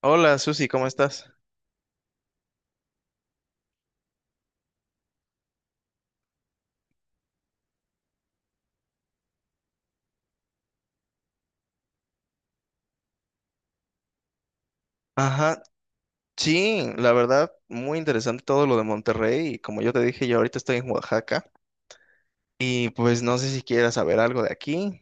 Hola Susi, ¿cómo estás? Ajá, sí, la verdad, muy interesante todo lo de Monterrey y como yo te dije, yo ahorita estoy en Oaxaca y pues no sé si quieras saber algo de aquí.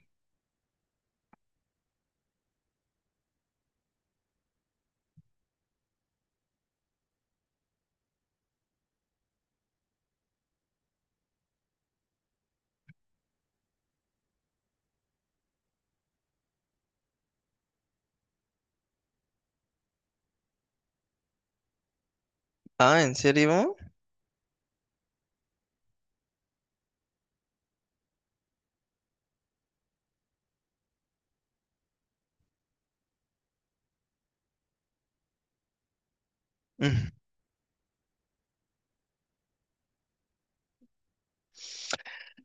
Ah, ¿en serio? Mm.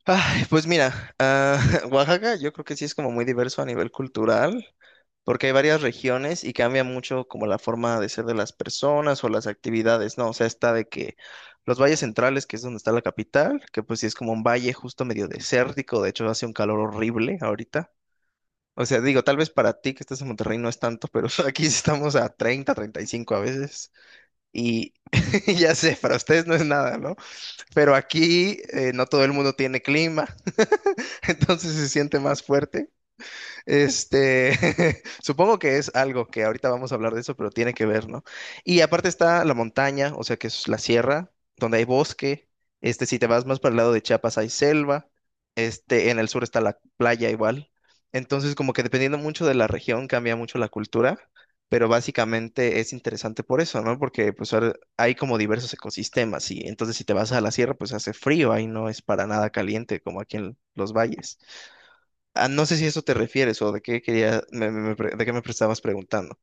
Ay, pues mira, Oaxaca yo creo que sí es como muy diverso a nivel cultural porque hay varias regiones y cambia mucho como la forma de ser de las personas o las actividades, ¿no? O sea, está de que los valles centrales, que es donde está la capital, que pues sí es como un valle justo medio desértico, de hecho hace un calor horrible ahorita. O sea, digo, tal vez para ti que estás en Monterrey no es tanto, pero aquí estamos a 30, 35 a veces. Y ya sé, para ustedes no es nada, ¿no? Pero aquí no todo el mundo tiene clima, entonces se siente más fuerte. Supongo que es algo que ahorita vamos a hablar de eso, pero tiene que ver, ¿no? Y aparte está la montaña, o sea, que es la sierra, donde hay bosque. Si te vas más para el lado de Chiapas hay selva. En el sur está la playa igual. Entonces, como que dependiendo mucho de la región cambia mucho la cultura, pero básicamente es interesante por eso, ¿no? Porque pues ahora hay como diversos ecosistemas y entonces si te vas a la sierra, pues hace frío, ahí no es para nada caliente como aquí en los valles. Ah, no sé si a eso te refieres o de qué quería, de qué me estabas preguntando.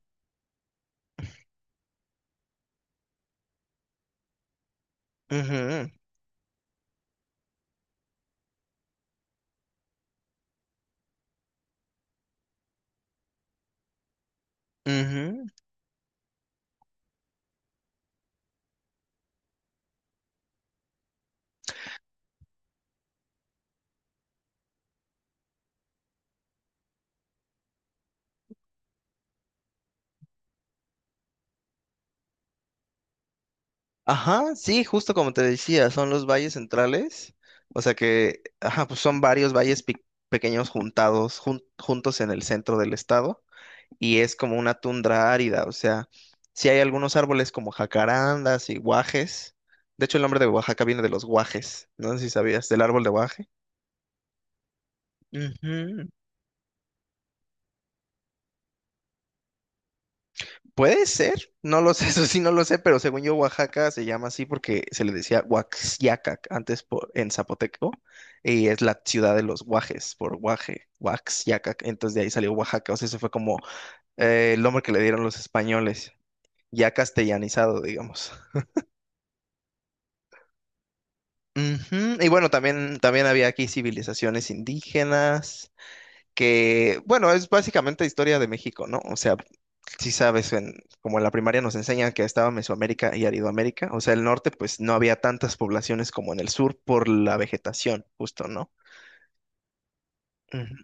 Ujú, ujú. Ajá, sí, justo como te decía, son los valles centrales. O sea que, ajá, pues son varios valles pequeños juntados, juntos en el centro del estado. Y es como una tundra árida. O sea, sí hay algunos árboles como jacarandas y guajes. De hecho, el nombre de Oaxaca viene de los guajes. No sé si sabías, del árbol de guaje. Ujú. Puede ser, no lo sé, eso sí no lo sé, pero según yo Oaxaca se llama así porque se le decía Huaxiacac antes por, en zapoteco y es la ciudad de los guajes por guaje, Huaxiacac, entonces de ahí salió Oaxaca, o sea, eso fue como el nombre que le dieron los españoles, ya castellanizado, digamos. Ujú. Y bueno, también, también había aquí civilizaciones indígenas, que, bueno, es básicamente historia de México, ¿no? O sea, sí sabes, en, como en la primaria nos enseñan que estaba Mesoamérica y Aridoamérica, o sea, el norte pues no había tantas poblaciones como en el sur por la vegetación, justo, ¿no? Ujú.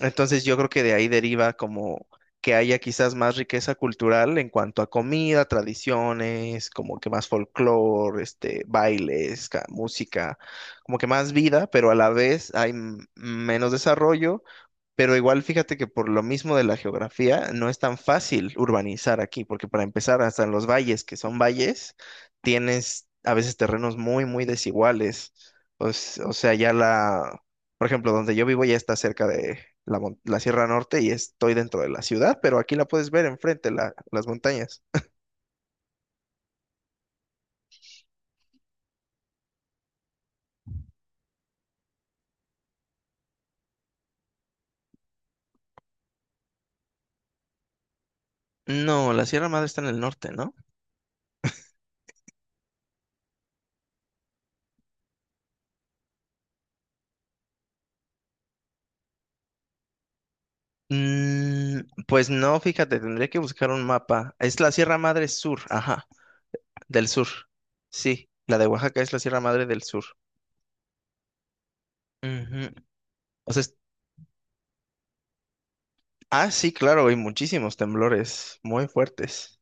Entonces yo creo que de ahí deriva como que haya quizás más riqueza cultural en cuanto a comida, tradiciones, como que más folclore, este, bailes, música, como que más vida, pero a la vez hay menos desarrollo, pero igual fíjate que por lo mismo de la geografía no es tan fácil urbanizar aquí, porque para empezar, hasta en los valles, que son valles, tienes a veces terrenos muy, muy desiguales. O sea, ya la, por ejemplo, donde yo vivo ya está cerca de la, la Sierra Norte y estoy dentro de la ciudad, pero aquí la puedes ver enfrente, las montañas. No, la Sierra Madre está en el norte, ¿no? Mm, pues no, fíjate, tendría que buscar un mapa. Es la Sierra Madre Sur, ajá. Del sur. Sí, la de Oaxaca es la Sierra Madre del Sur. Ujú. O sea, es- ah, sí, claro, hay muchísimos temblores muy fuertes.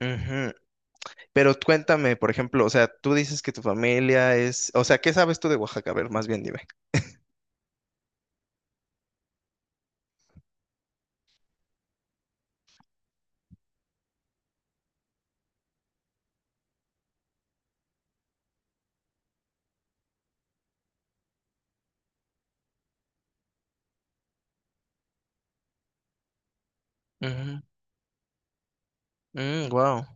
Ujú. Pero cuéntame, por ejemplo, o sea, tú dices que tu familia es, o sea, ¿qué sabes tú de Oaxaca? A ver, más bien dime. Wow,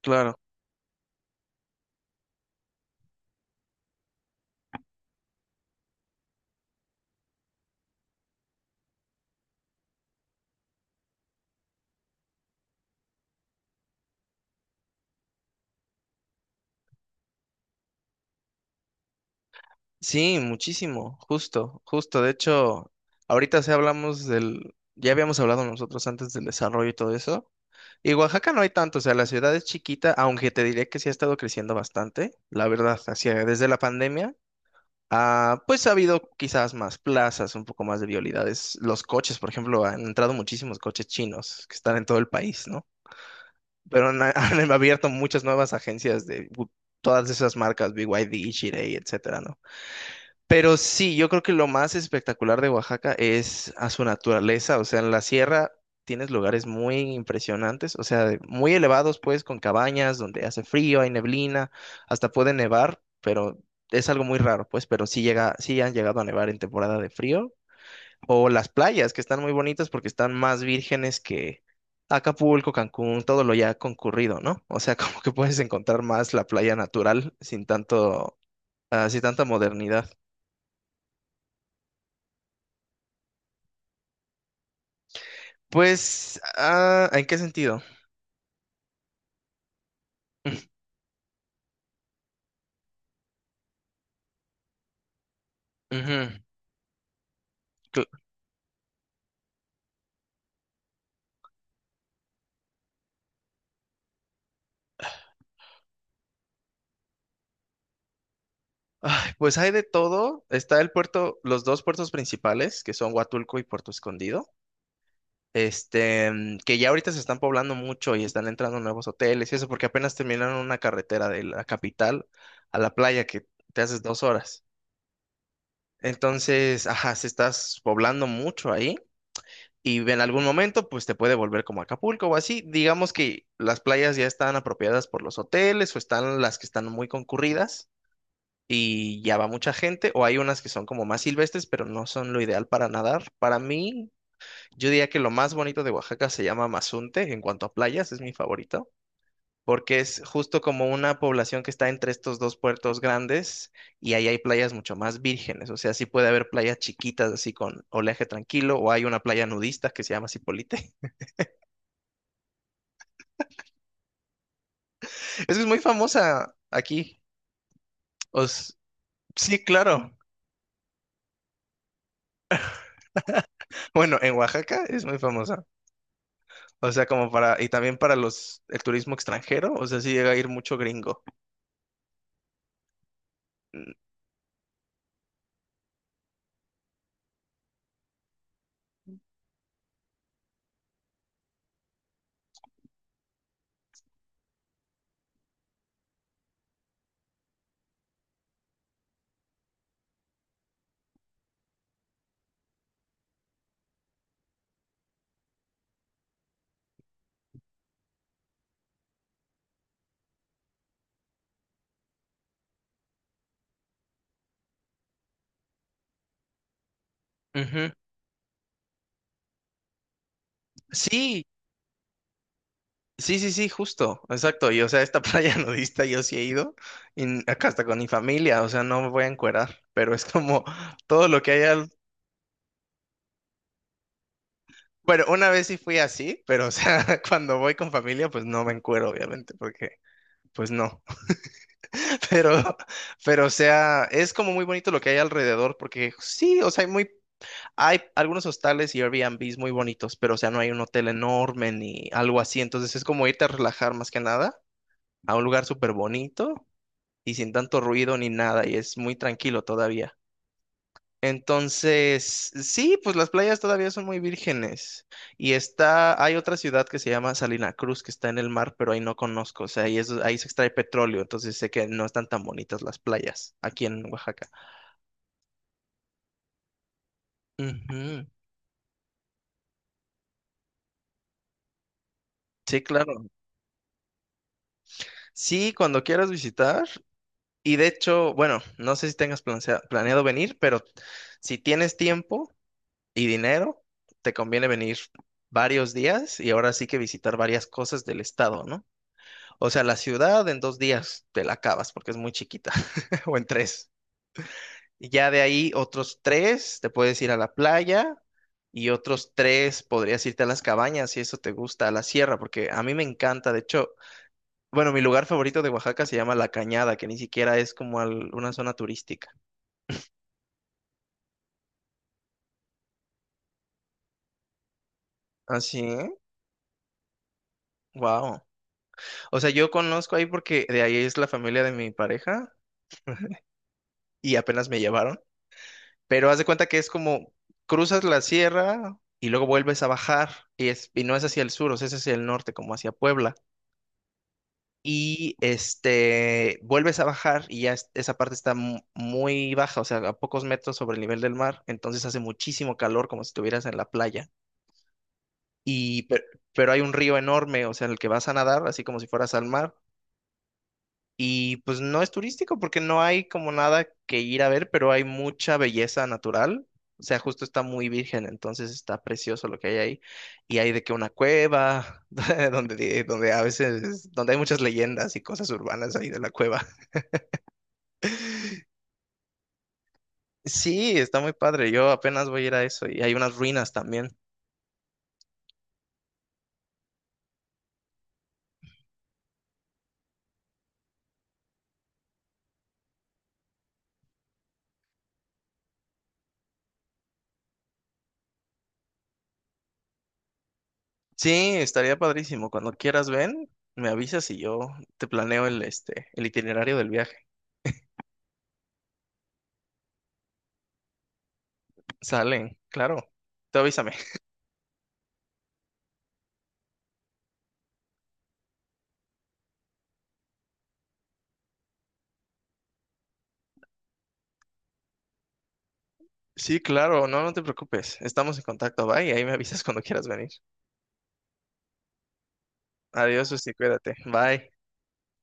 claro. Sí, muchísimo, justo, justo. De hecho, ahorita sí hablamos del, ya habíamos hablado nosotros antes del desarrollo y todo eso. Y Oaxaca no hay tanto, o sea, la ciudad es chiquita, aunque te diré que sí ha estado creciendo bastante, la verdad, hacia, desde la pandemia. Ah, pues ha habido quizás más plazas, un poco más de violidades. Los coches, por ejemplo, han entrado muchísimos coches chinos que están en todo el país, ¿no? Pero han, han abierto muchas nuevas agencias de todas esas marcas, BYD, Chery, etcétera, ¿no? Pero sí, yo creo que lo más espectacular de Oaxaca es a su naturaleza, o sea, en la sierra tienes lugares muy impresionantes, o sea, muy elevados pues, con cabañas donde hace frío, hay neblina, hasta puede nevar, pero es algo muy raro pues, pero sí llega, sí han llegado a nevar en temporada de frío, o las playas que están muy bonitas porque están más vírgenes que Acapulco, Cancún, todo lo ya concurrido, ¿no? O sea, como que puedes encontrar más la playa natural sin tanto, sin tanta modernidad. Pues, ah, ¿en qué sentido? Mm, ujú. Cl- ay, pues hay de todo. Está el puerto, los dos puertos principales, que son Huatulco y Puerto Escondido. Mm, que ya ahorita se están poblando mucho y están entrando nuevos hoteles y eso, porque apenas terminaron una carretera de la capital a la playa que te haces 2 horas. Entonces, ajá, se estás poblando mucho ahí y en algún momento pues te puede volver como Acapulco o así. Digamos que las playas ya están apropiadas por los hoteles o están las que están muy concurridas y ya va mucha gente o hay unas que son como más silvestres pero no son lo ideal para nadar. Para mí, yo diría que lo más bonito de Oaxaca se llama Mazunte en cuanto a playas, es mi favorito. Porque es justo como una población que está entre estos dos puertos grandes y ahí hay playas mucho más vírgenes. O sea, sí puede haber playas chiquitas así con oleaje tranquilo o hay una playa nudista que se llama Cipolite. Es que es muy famosa aquí. Os- sí, claro. Bueno, en Oaxaca es muy famosa. O sea, como para, y también para los, el turismo extranjero, o sea, sí llega a ir mucho gringo. Ujú. Sí, sí, sí, sí, justo, exacto. Y o sea, esta playa nudista yo sí he ido, y acá hasta con mi familia, o sea, no me voy a encuerar, pero es como todo lo que hay al... Bueno, una vez sí fui así, pero o sea, cuando voy con familia, pues no me encuero, obviamente, porque pues no. Pero, pero, o sea, es como muy bonito lo que hay alrededor, porque sí, o sea, hay muy, hay algunos hostales y Airbnbs muy bonitos, pero, o sea, no hay un hotel enorme ni algo así. Entonces es como irte a relajar más que nada a un lugar súper bonito y sin tanto ruido ni nada, y es muy tranquilo todavía. Entonces, sí, pues las playas todavía son muy vírgenes. Y está, hay otra ciudad que se llama Salina Cruz, que está en el mar, pero ahí no conozco. O sea, ahí, ahí se extrae petróleo, entonces sé que no están tan bonitas las playas aquí en Oaxaca. Ujú. Sí, claro. Sí, cuando quieras visitar. Y de hecho, bueno, no sé si tengas planeado venir, pero si tienes tiempo y dinero, te conviene venir varios días y ahora sí que visitar varias cosas del estado, ¿no? O sea, la ciudad en 2 días te la acabas porque es muy chiquita, o en tres. Y ya de ahí otros tres te puedes ir a la playa y otros tres podrías irte a las cabañas si eso te gusta, a la sierra, porque a mí me encanta. De hecho, bueno, mi lugar favorito de Oaxaca se llama La Cañada, que ni siquiera es como una zona turística. Así, wow. O sea, yo conozco ahí porque de ahí es la familia de mi pareja y apenas me llevaron. Pero haz de cuenta que es como cruzas la sierra y luego vuelves a bajar y, es, y no es hacia el sur, o sea, es hacia el norte, como hacia Puebla. Y este, vuelves a bajar y ya esa parte está muy baja, o sea, a pocos metros sobre el nivel del mar, entonces hace muchísimo calor como si estuvieras en la playa. Y pero, hay un río enorme, o sea, en el que vas a nadar, así como si fueras al mar. Y pues no es turístico porque no hay como nada que ir a ver, pero hay mucha belleza natural. O sea, justo está muy virgen, entonces está precioso lo que hay ahí. Y hay de que una cueva, donde, donde a veces, donde hay muchas leyendas y cosas urbanas ahí de la cueva. Sí, está muy padre. Yo apenas voy a ir a eso y hay unas ruinas también. Sí, estaría padrísimo. Cuando quieras ven, me avisas y yo te planeo el, este, el itinerario del viaje. Salen, claro. Tú avísame. Sí, claro, no, no te preocupes. Estamos en contacto, bye. Ahí me avisas cuando quieras venir. Adiós, Susi, cuídate. Bye.